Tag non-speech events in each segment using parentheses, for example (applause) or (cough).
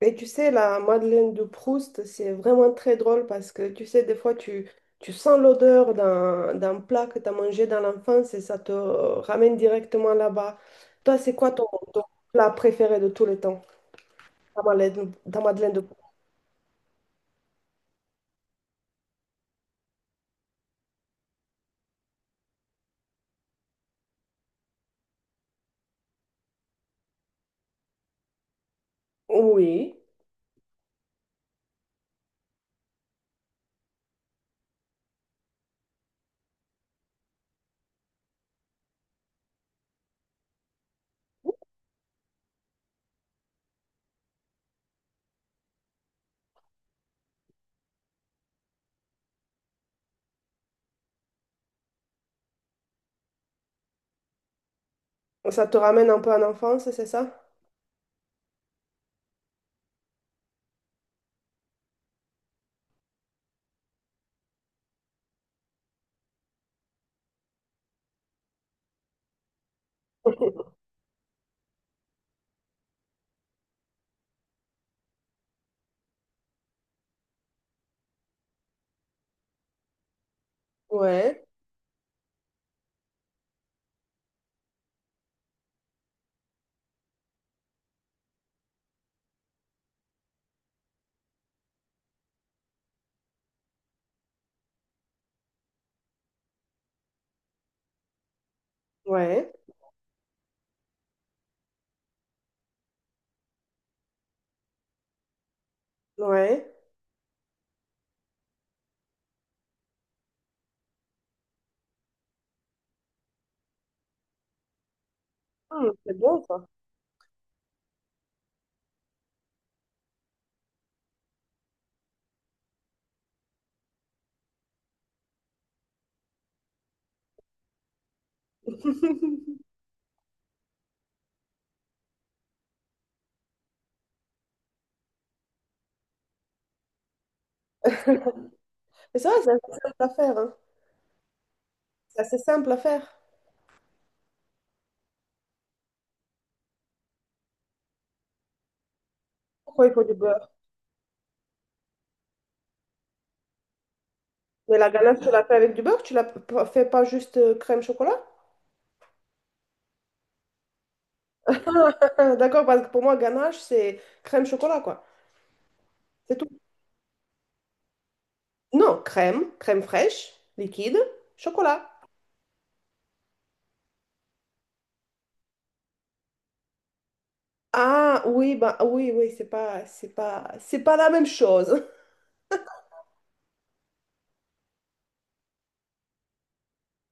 Et tu sais, la Madeleine de Proust, c'est vraiment très drôle parce que tu sais, des fois, tu sens l'odeur d'un plat que tu as mangé dans l'enfance et ça te ramène directement là-bas. Toi, c'est quoi ton plat préféré de tous les temps, ta Madeleine de Proust? Oui, ça te ramène un peu en enfance, c'est ça? (laughs) Ouais, ouais, ouais. Hmm, c'est bon, ça. (laughs) Mais ça, c'est vrai, c'est facile à faire. C'est assez simple à faire. Pourquoi il faut du beurre? Mais la ganache, tu la fais avec du beurre? Tu la fais pas juste crème chocolat? (laughs) D'accord, parce que pour moi, ganache, c'est crème chocolat, quoi. C'est tout. Non, crème fraîche, liquide, chocolat. Ah oui, bah oui, oui, c'est pas la même chose.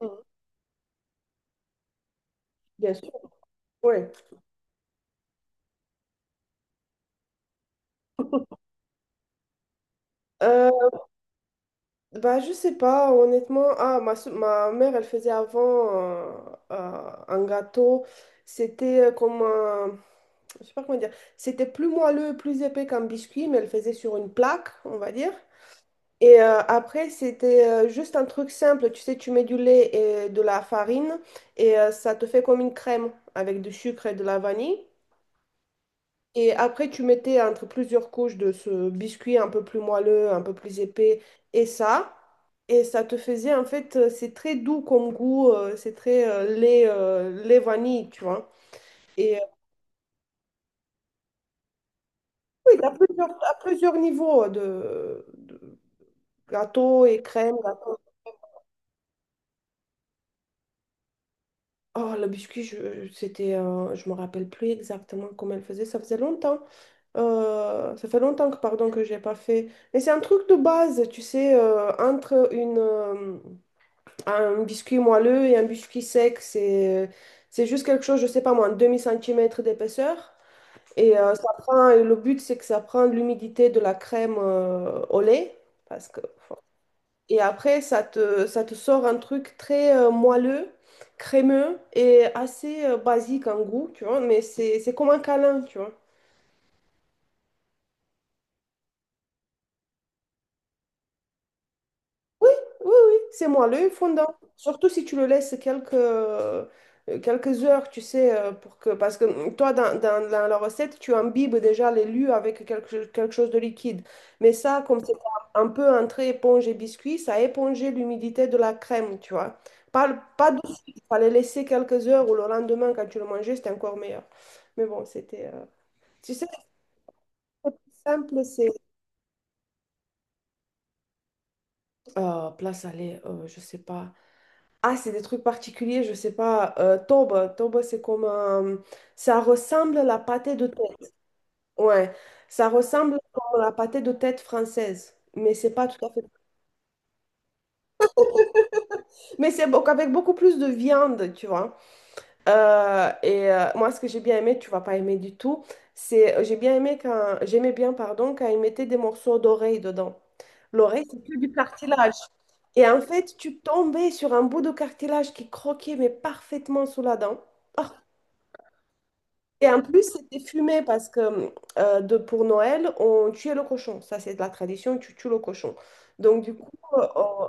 Mhm. Bien sûr, oui. Euh, bah je sais pas, honnêtement. Ah, ma mère, elle faisait avant euh, un gâteau. C'était comme un je sais pas comment dire, c'était plus moelleux, plus épais comme biscuit, mais elle faisait sur une plaque, on va dire. Et après, c'était juste un truc simple, tu sais, tu mets du lait et de la farine et ça te fait comme une crème avec du sucre et de la vanille. Et après, tu mettais entre plusieurs couches de ce biscuit un peu plus moelleux, un peu plus épais et ça. Et ça te faisait, en fait, c'est très doux comme goût, c'est très lait vanille, tu vois. Et euh, oui, à plusieurs niveaux de Gâteau et crème, gâteau. Oh, le biscuit, je me rappelle plus exactement comment elle faisait. Ça faisait longtemps. Ça fait longtemps que, pardon, que j'ai pas fait. Mais c'est un truc de base, tu sais, entre un biscuit moelleux et un biscuit sec, c'est juste quelque chose, je sais pas moi, un demi-centimètre d'épaisseur. Et et le but, c'est que ça prend l'humidité de la crème, au lait. Parce que et après, ça te sort un truc très moelleux, crémeux et assez basique en goût, tu vois. Mais c'est comme un câlin, tu vois. Oui, oui, c'est moi, l'œil fondant. Surtout si tu le laisses quelques, quelques heures, tu sais, pour que, parce que toi, dans la recette, tu imbibes déjà les lus avec quelque, quelque chose de liquide. Mais ça, comme c'est un peu entre éponge et biscuit, ça a épongé l'humidité de la crème, tu vois. Pas, pas de suite, il fallait laisser quelques heures ou le lendemain, quand tu le mangeais, c'était encore meilleur. Mais bon, c'était... tu sais, c'est plus simple, c'est... plat salé, je sais pas. Ah, c'est des trucs particuliers, je sais pas. Toba, c'est comme un... Ça ressemble à la pâté de tête. Ouais, ça ressemble à la pâté de tête française. Mais c'est pas tout à fait... Mais avec beaucoup plus de viande, tu vois. Moi, ce que j'ai bien aimé, tu vas pas aimer du tout, c'est... J'aimais bien, pardon, quand ils mettaient des morceaux d'oreille dedans. L'oreille, c'est que du cartilage. Et en fait, tu tombais sur un bout de cartilage qui croquait, mais parfaitement sous la dent. Oh, et en plus, c'était fumé parce que pour Noël, on tuait le cochon. Ça, c'est de la tradition, tu tues le cochon. Donc, du coup,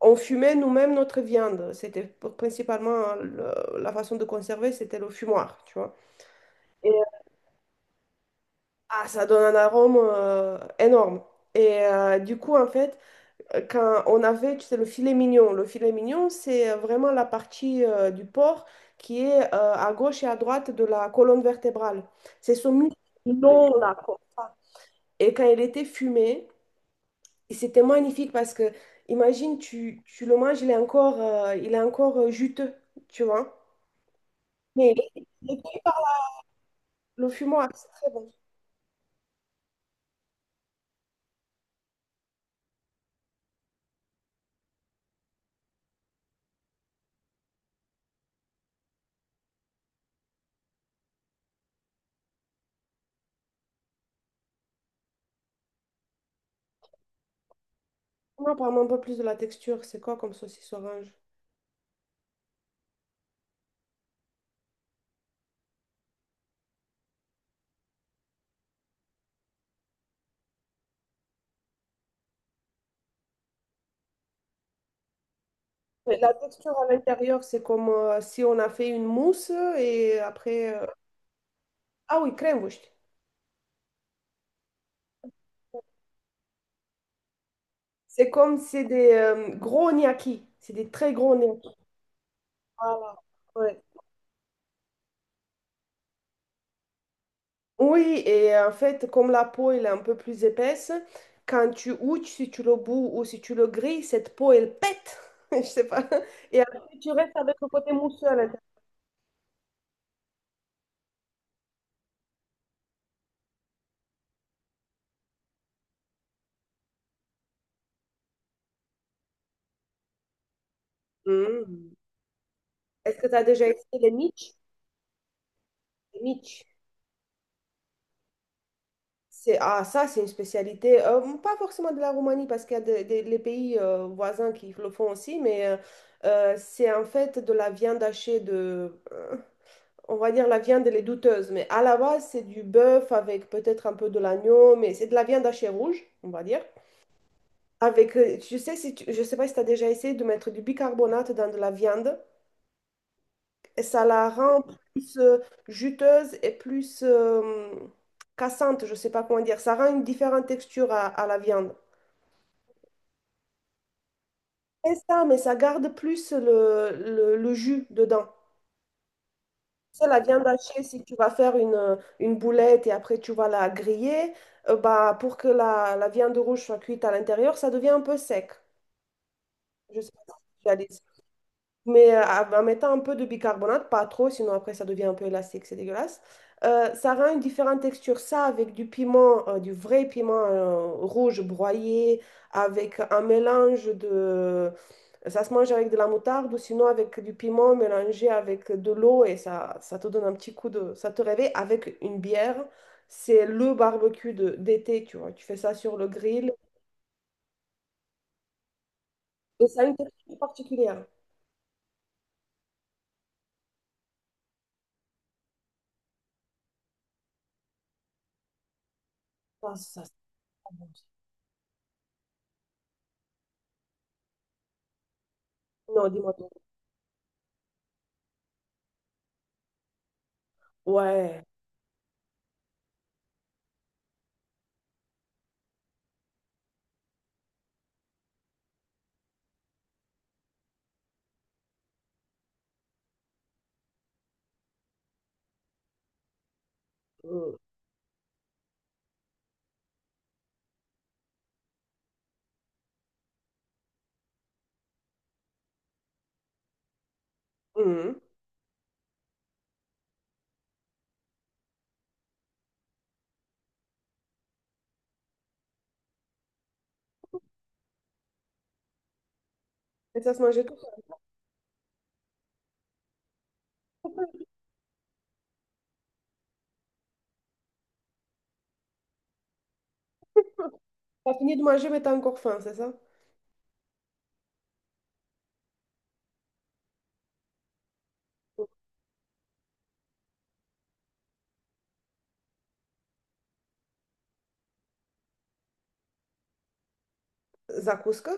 on fumait nous-mêmes notre viande. C'était principalement la façon de conserver, c'était le fumoir, tu vois. Et ah, ça donne un arôme énorme. Et du coup, en fait, quand on avait, tu sais, le filet mignon. Le filet mignon, c'est vraiment la partie du porc qui est à gauche et à droite de la colonne vertébrale. C'est ce muscle long là, comme ça. Et quand il était fumé, et c'était magnifique parce que, imagine, tu le manges, il est encore juteux, tu vois. Mais il est cuit par le fumoir, c'est très bon. Non, parle-moi un peu plus de la texture. C'est quoi comme saucisse orange? Mais la texture à l'intérieur, c'est comme si on a fait une mousse et après. Ah oui, Krenwurst. C'est comme, c'est des gros gnocchis. C'est des très gros gnocchis. Voilà. Ouais. Oui, et en fait, comme la peau elle est un peu plus épaisse, quand tu ouches, si tu le bous ou si tu le grilles, cette peau, elle pète. (laughs) Je sais pas. Et après, tu restes avec le côté mousseux à l'intérieur. Mm. Est-ce que tu as déjà essayé les mitch? Les mitch. C'est, ah, ça, c'est une spécialité, pas forcément de la Roumanie, parce qu'il y a les pays voisins qui le font aussi, mais c'est en fait de la viande hachée on va dire la viande, elle est douteuse, mais à la base, c'est du bœuf avec peut-être un peu de l'agneau, mais c'est de la viande hachée rouge, on va dire. Avec, tu sais, si tu- je sais pas si tu as déjà essayé de mettre du bicarbonate dans de la viande. Et ça la rend plus juteuse et plus cassante, je ne sais pas comment dire. Ça rend une différente texture à la viande. Et ça, mais ça garde plus le jus dedans. C'est la viande hachée, si tu vas faire une boulette et après tu vas la griller, bah, pour que la viande rouge soit cuite à l'intérieur, ça devient un peu sec. Je sais pas si tu as des mais en mettant un peu de bicarbonate, pas trop, sinon après ça devient un peu élastique, c'est dégueulasse. Ça rend une différente texture. Ça, avec du piment, du vrai piment rouge broyé, avec un mélange de... Ça se mange avec de la moutarde ou sinon avec du piment mélangé avec de l'eau et ça te donne un petit coup de... Ça te réveille avec une bière. C'est le barbecue d'été, tu vois. Tu fais ça sur le grill et ça a une texture particulière. Ah, ça, c'est pas bon. Non, dis-moi. Tout. Ouais. Mm. Mhm. Et ça se mangeait tout seul. T'as fini de manger, mais t'as encore faim, c'est ça? Zakouska?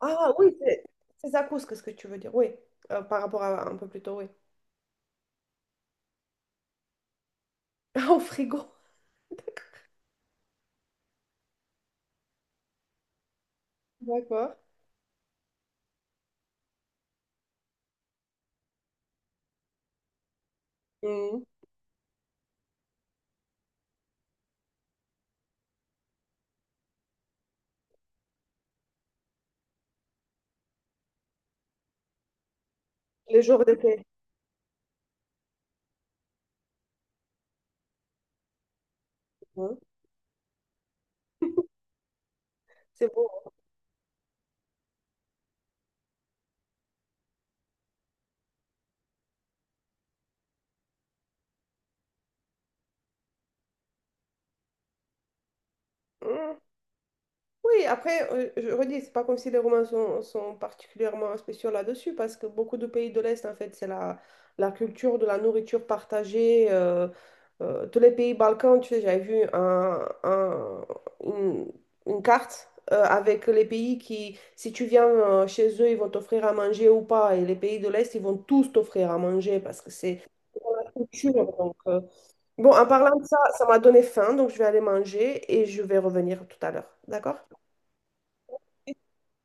Ah oui, c'est zakouska ce que tu veux dire, oui. Par rapport à un peu plus tôt, oui. (laughs) Ah, au frigo. (laughs) D'accord. Mhm. Les jours d'été. Mhm. (laughs) C'est beau. Hein. Hmm. Oui, après, je redis, c'est pas comme si les Romains sont particulièrement spéciaux là-dessus, parce que beaucoup de pays de l'Est, en fait, c'est la culture de la nourriture partagée. Tous les pays Balkans, tu sais, j'avais vu une, une carte avec les pays qui, si tu viens chez eux, ils vont t'offrir à manger ou pas. Et les pays de l'Est, ils vont tous t'offrir à manger parce que c'est la culture. Donc, bon, en parlant de ça, ça m'a donné faim, donc je vais aller manger et je vais revenir tout à l'heure. D'accord?